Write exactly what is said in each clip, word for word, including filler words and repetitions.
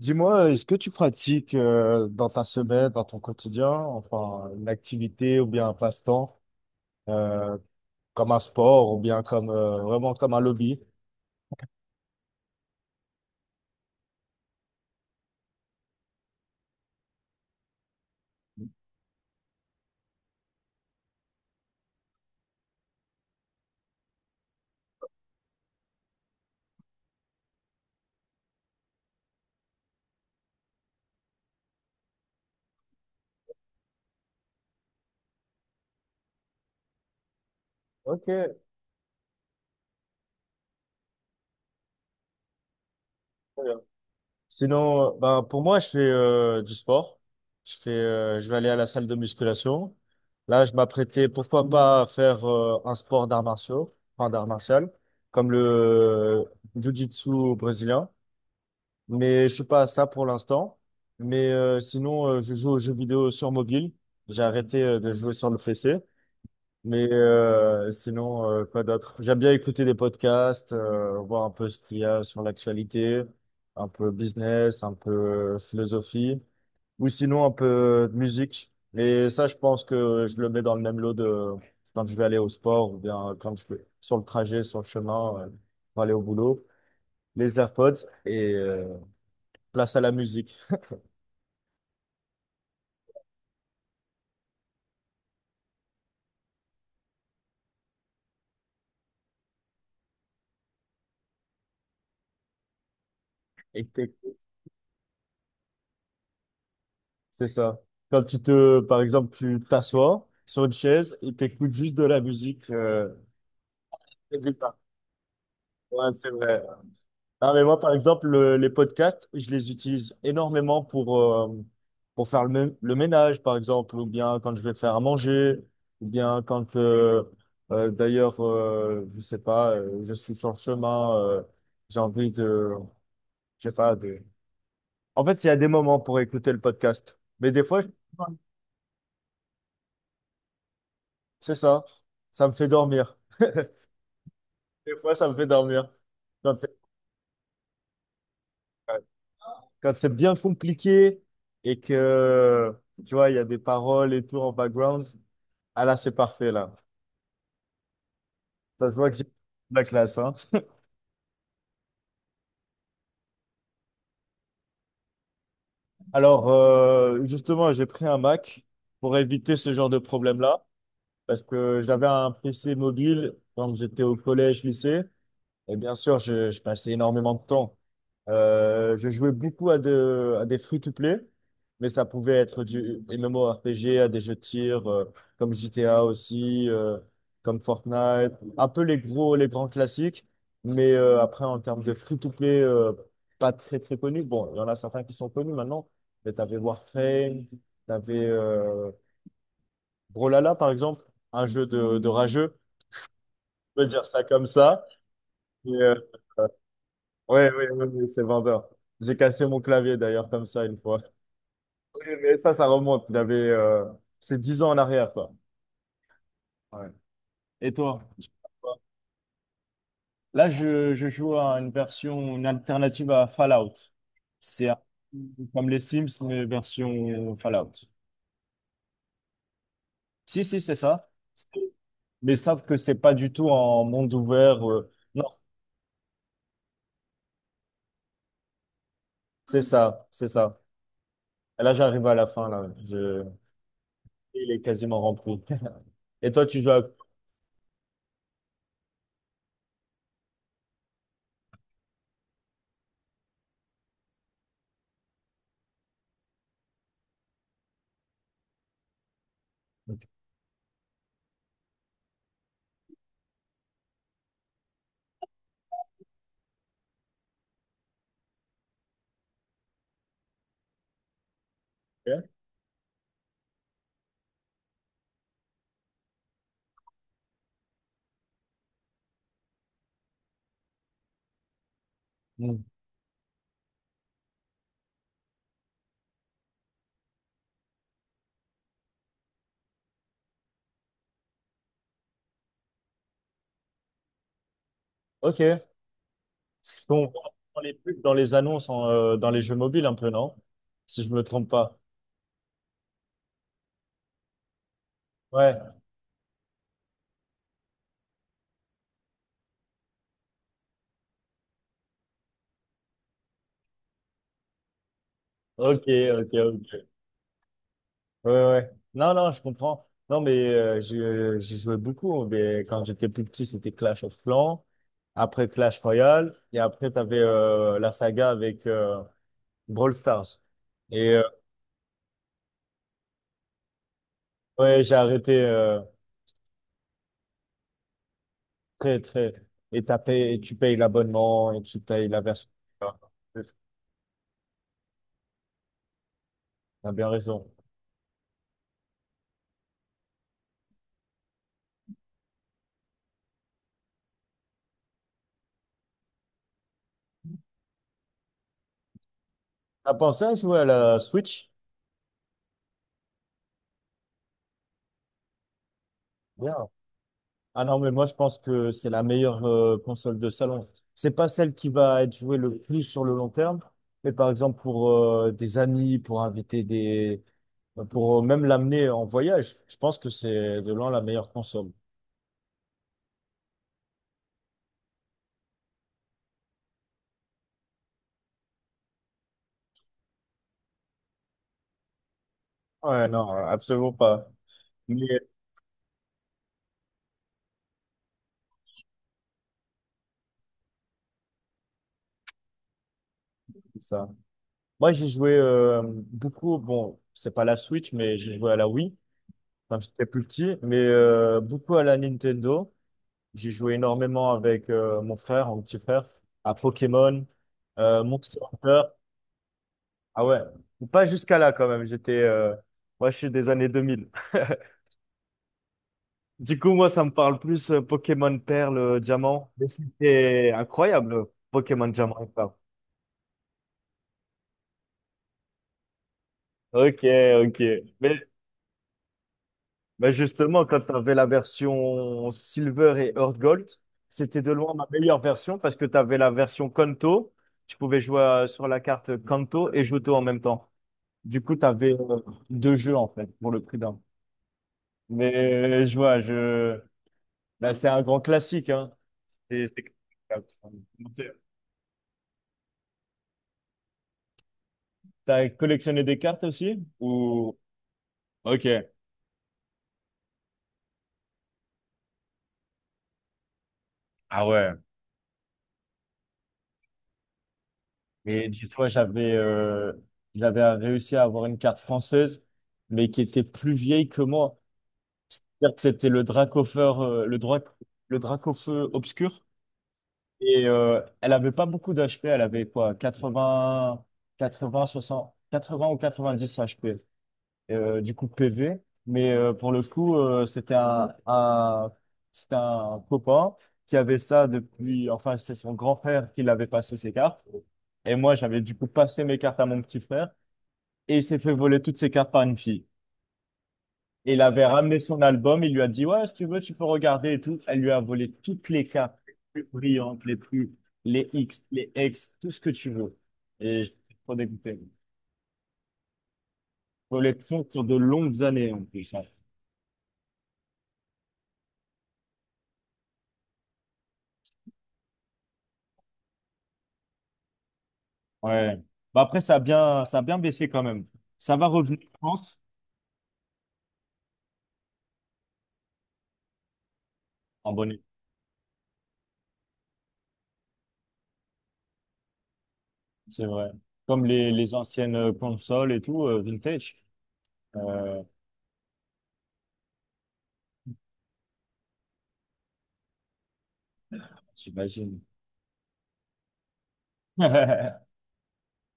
Dis-moi, est-ce que tu pratiques euh, dans ta semaine, dans ton quotidien, enfin une activité ou bien un passe-temps, euh, comme un sport ou bien comme euh, vraiment comme un lobby? Ok, très bien. Sinon, euh, ben pour moi, je fais euh, du sport. Je fais, euh, je vais aller à la salle de musculation. Là, je m'apprêtais, pourquoi pas, à faire euh, un sport d'arts martiaux, enfin d'art martial, comme le euh, jiu-jitsu brésilien. Mais je suis pas à ça pour l'instant. Mais euh, sinon, euh, je joue aux jeux vidéo sur mobile. J'ai arrêté euh, de jouer sur le P C. Mais euh, sinon, euh, quoi d'autre? J'aime bien écouter des podcasts, euh, voir un peu ce qu'il y a sur l'actualité, un peu business, un peu euh, philosophie, ou sinon un peu euh, de musique. Et ça, je pense que je le mets dans le même lot de quand je vais aller au sport ou bien quand je vais sur le trajet, sur le chemin, euh, pour aller au boulot. Les AirPods et euh, place à la musique. Et t'écoutes. C'est ça. Quand tu te, par exemple, tu t'assois sur une chaise et t'écoutes juste de la musique, euh, régulière. Ouais, c'est vrai. Ah, mais moi, par exemple, le- les podcasts, je les utilise énormément pour, euh, pour faire le, mé- le ménage, par exemple, ou bien quand je vais faire à manger, ou bien quand, euh, euh, d'ailleurs, euh, je sais pas, euh, je suis sur le chemin, euh, j'ai envie de, je sais pas. En fait, il y a des moments pour écouter le podcast. Mais des fois, je- c'est ça. Ça me fait dormir. Des fois, ça me fait dormir. Quand c'est, ouais, quand c'est bien compliqué et que, tu vois, il y a des paroles et tout en background, ah là, c'est parfait, là. Ça se voit que j'ai la classe, hein. Alors, euh, justement, j'ai pris un Mac pour éviter ce genre de problème-là parce que j'avais un P C mobile quand j'étais au collège, lycée. Et bien sûr, je, je passais énormément de temps. Euh, je jouais beaucoup à, de, à des free-to-play, mais ça pouvait être du MMORPG, à des jeux de tir, euh, comme G T A aussi, euh, comme Fortnite, un peu les gros, les grands classiques. Mais euh, après, en termes de free-to-play, euh, pas très très connus. Bon, il y en a certains qui sont connus maintenant, mais t'avais Warframe, t'avais euh, Brawlhalla, par exemple, un jeu de, de rageux, on peut dire ça comme ça. Et, euh, Ouais, ouais, ouais, ouais, c'est vendeur. J'ai cassé mon clavier d'ailleurs comme ça une fois. Ouais, mais ça, ça remonte. J'avais, euh, c'est dix ans en arrière, quoi. Ouais. Et toi? Tu fais quoi? Là, je, je joue à une version, une alternative à Fallout. C'est un- Comme les Sims, mais version Fallout. Si, si, c'est ça. Mais sauf que c'est pas du tout en monde ouvert, euh, non, c'est ça, c'est ça. Et là, j'arrive à la fin, là. Je- Il est quasiment rempli. Et toi, tu joues à... Ok. Mm. Ok. Ce qu'on voit dans les pubs, dans les annonces, en, euh, dans les jeux mobiles un peu, non? Si je me trompe pas. Ouais. Ok, ok, ok. Ouais, ouais, ouais. Non, non, je comprends. Non, mais euh, je- j'y jouais beaucoup. Mais quand j'étais plus petit, c'était Clash of Clans. Après Clash Royale. Et après, tu avais la saga avec euh, Brawl Stars. Et euh, ouais, j'ai arrêté euh, très, très. Et, t'as payé- et tu payes l'abonnement et tu payes la version. T'as bien raison. T'as pensé à jouer à la Switch? Ah non, mais moi je pense que c'est la meilleure euh, console de salon. C'est pas celle qui va être jouée le plus sur le long terme, mais par exemple pour euh, des amis, pour inviter des, euh, pour euh, même l'amener en voyage, je pense que c'est de loin la meilleure console. Ouais, non, absolument pas. Mais c'est ça. Moi j'ai joué euh, beaucoup, bon, c'est pas la Switch, mais j'ai joué à la Wii quand j'étais plus petit, mais euh, beaucoup à la Nintendo. J'ai joué énormément avec euh, mon frère, mon petit frère, à Pokémon, euh, Monster Hunter. Ah ouais, pas jusqu'à là quand même. J'étais, euh, moi, je suis des années deux mille. Du coup, moi, ça me parle plus euh, Pokémon Perle, euh, Diamant. Mais c'était incroyable, euh, Pokémon Diamant et Perle. Ok, ok. Mais bah justement, quand tu avais la version Silver et Earth Gold, c'était de loin ma meilleure version parce que tu avais la version Kanto. Tu pouvais jouer euh, sur la carte Kanto et Johto en même temps. Du coup, tu avais euh, deux jeux en fait pour le prix d'un. Mais euh, je vois. Je... bah, c'est un grand classique, hein. C'est- c'est- T'as collectionné des cartes aussi? Ou. Ok. Ah ouais. Et dis-toi, j'avais euh, j'avais réussi à avoir une carte française, mais qui était plus vieille que moi. C'est-à-dire que c'était le Dracofeu, euh, le, Drac... le Dracofeu obscur. Et euh, elle avait pas beaucoup d'H P, elle avait quoi, quatre-vingts, quatre-vingts, soixante, quatre-vingts ou quatre-vingt-dix H P, euh, du coup P V. Mais euh, pour le coup, euh, c'était un, un- c'était un copain qui avait ça depuis, enfin c'est son grand frère qui l'avait passé ses cartes. Et moi, j'avais du coup passé mes cartes à mon petit frère et il s'est fait voler toutes ses cartes par une fille. Et il avait ramené son album, il lui a dit, ouais, si tu veux, tu peux regarder et tout. Elle lui a volé toutes les cartes les plus brillantes, les plus, les X, les X, tout ce que tu veux. Et j'étais trop dégoûté. Collection sur de longues années en plus, hein. Ouais. Bah après, ça a bien, ça a bien baissé quand même. Ça va revenir, je pense, en bonne et due, c'est vrai. Comme les, les anciennes euh, consoles et tout, euh, vintage, Euh, j'imagine.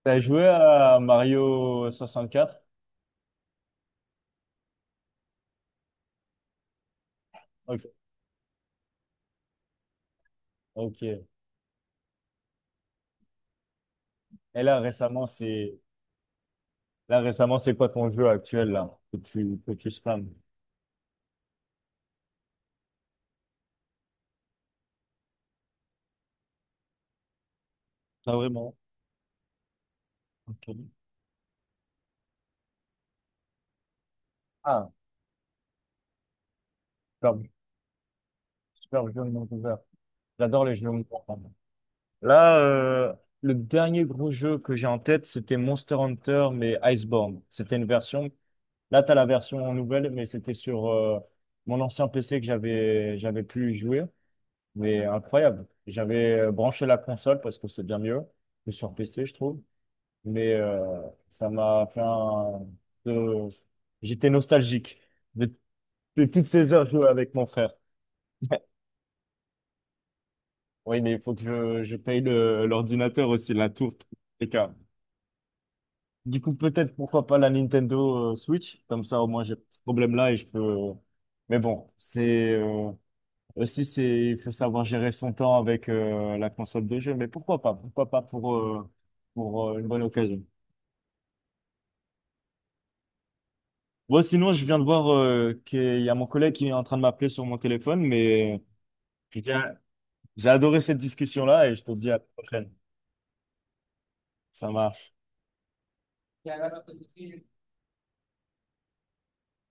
T'as joué à Mario soixante-quatre? Ok. Ok. Et là, récemment, c'est là récemment, c'est quoi ton jeu actuel là que tu que tu spams? Pas vraiment. Ok. Ah, super, super jeu de monde ouvert. J'adore les jeux de monde ouvert. Là, euh, le dernier gros jeu que j'ai en tête, c'était Monster Hunter, mais Iceborne. C'était une version. Là, tu as la version nouvelle, mais c'était sur euh, mon ancien P C que j'avais j'avais pu y jouer. Mais incroyable. J'avais euh, branché la console parce que c'est bien mieux que sur P C, je trouve. Mais euh, ça m'a fait un... de- j'étais nostalgique de, de toutes ces heures jouées avec mon frère. Oui, mais il faut que je, je paye le- l'ordinateur aussi, la tour, les cas. Du coup, peut-être pourquoi pas la Nintendo euh, Switch, comme ça au moins j'ai pas ce problème-là et je peux. Mais bon, c'est euh, aussi c'est il faut savoir gérer son temps avec euh, la console de jeu, mais pourquoi pas, pourquoi pas pour euh, pour euh, une bonne occasion. Ouais, sinon, je viens de voir euh, qu'il y a mon collègue qui est en train de m'appeler sur mon téléphone, mais j'ai j'ai adoré cette discussion-là et je te dis à la prochaine. Ça marche.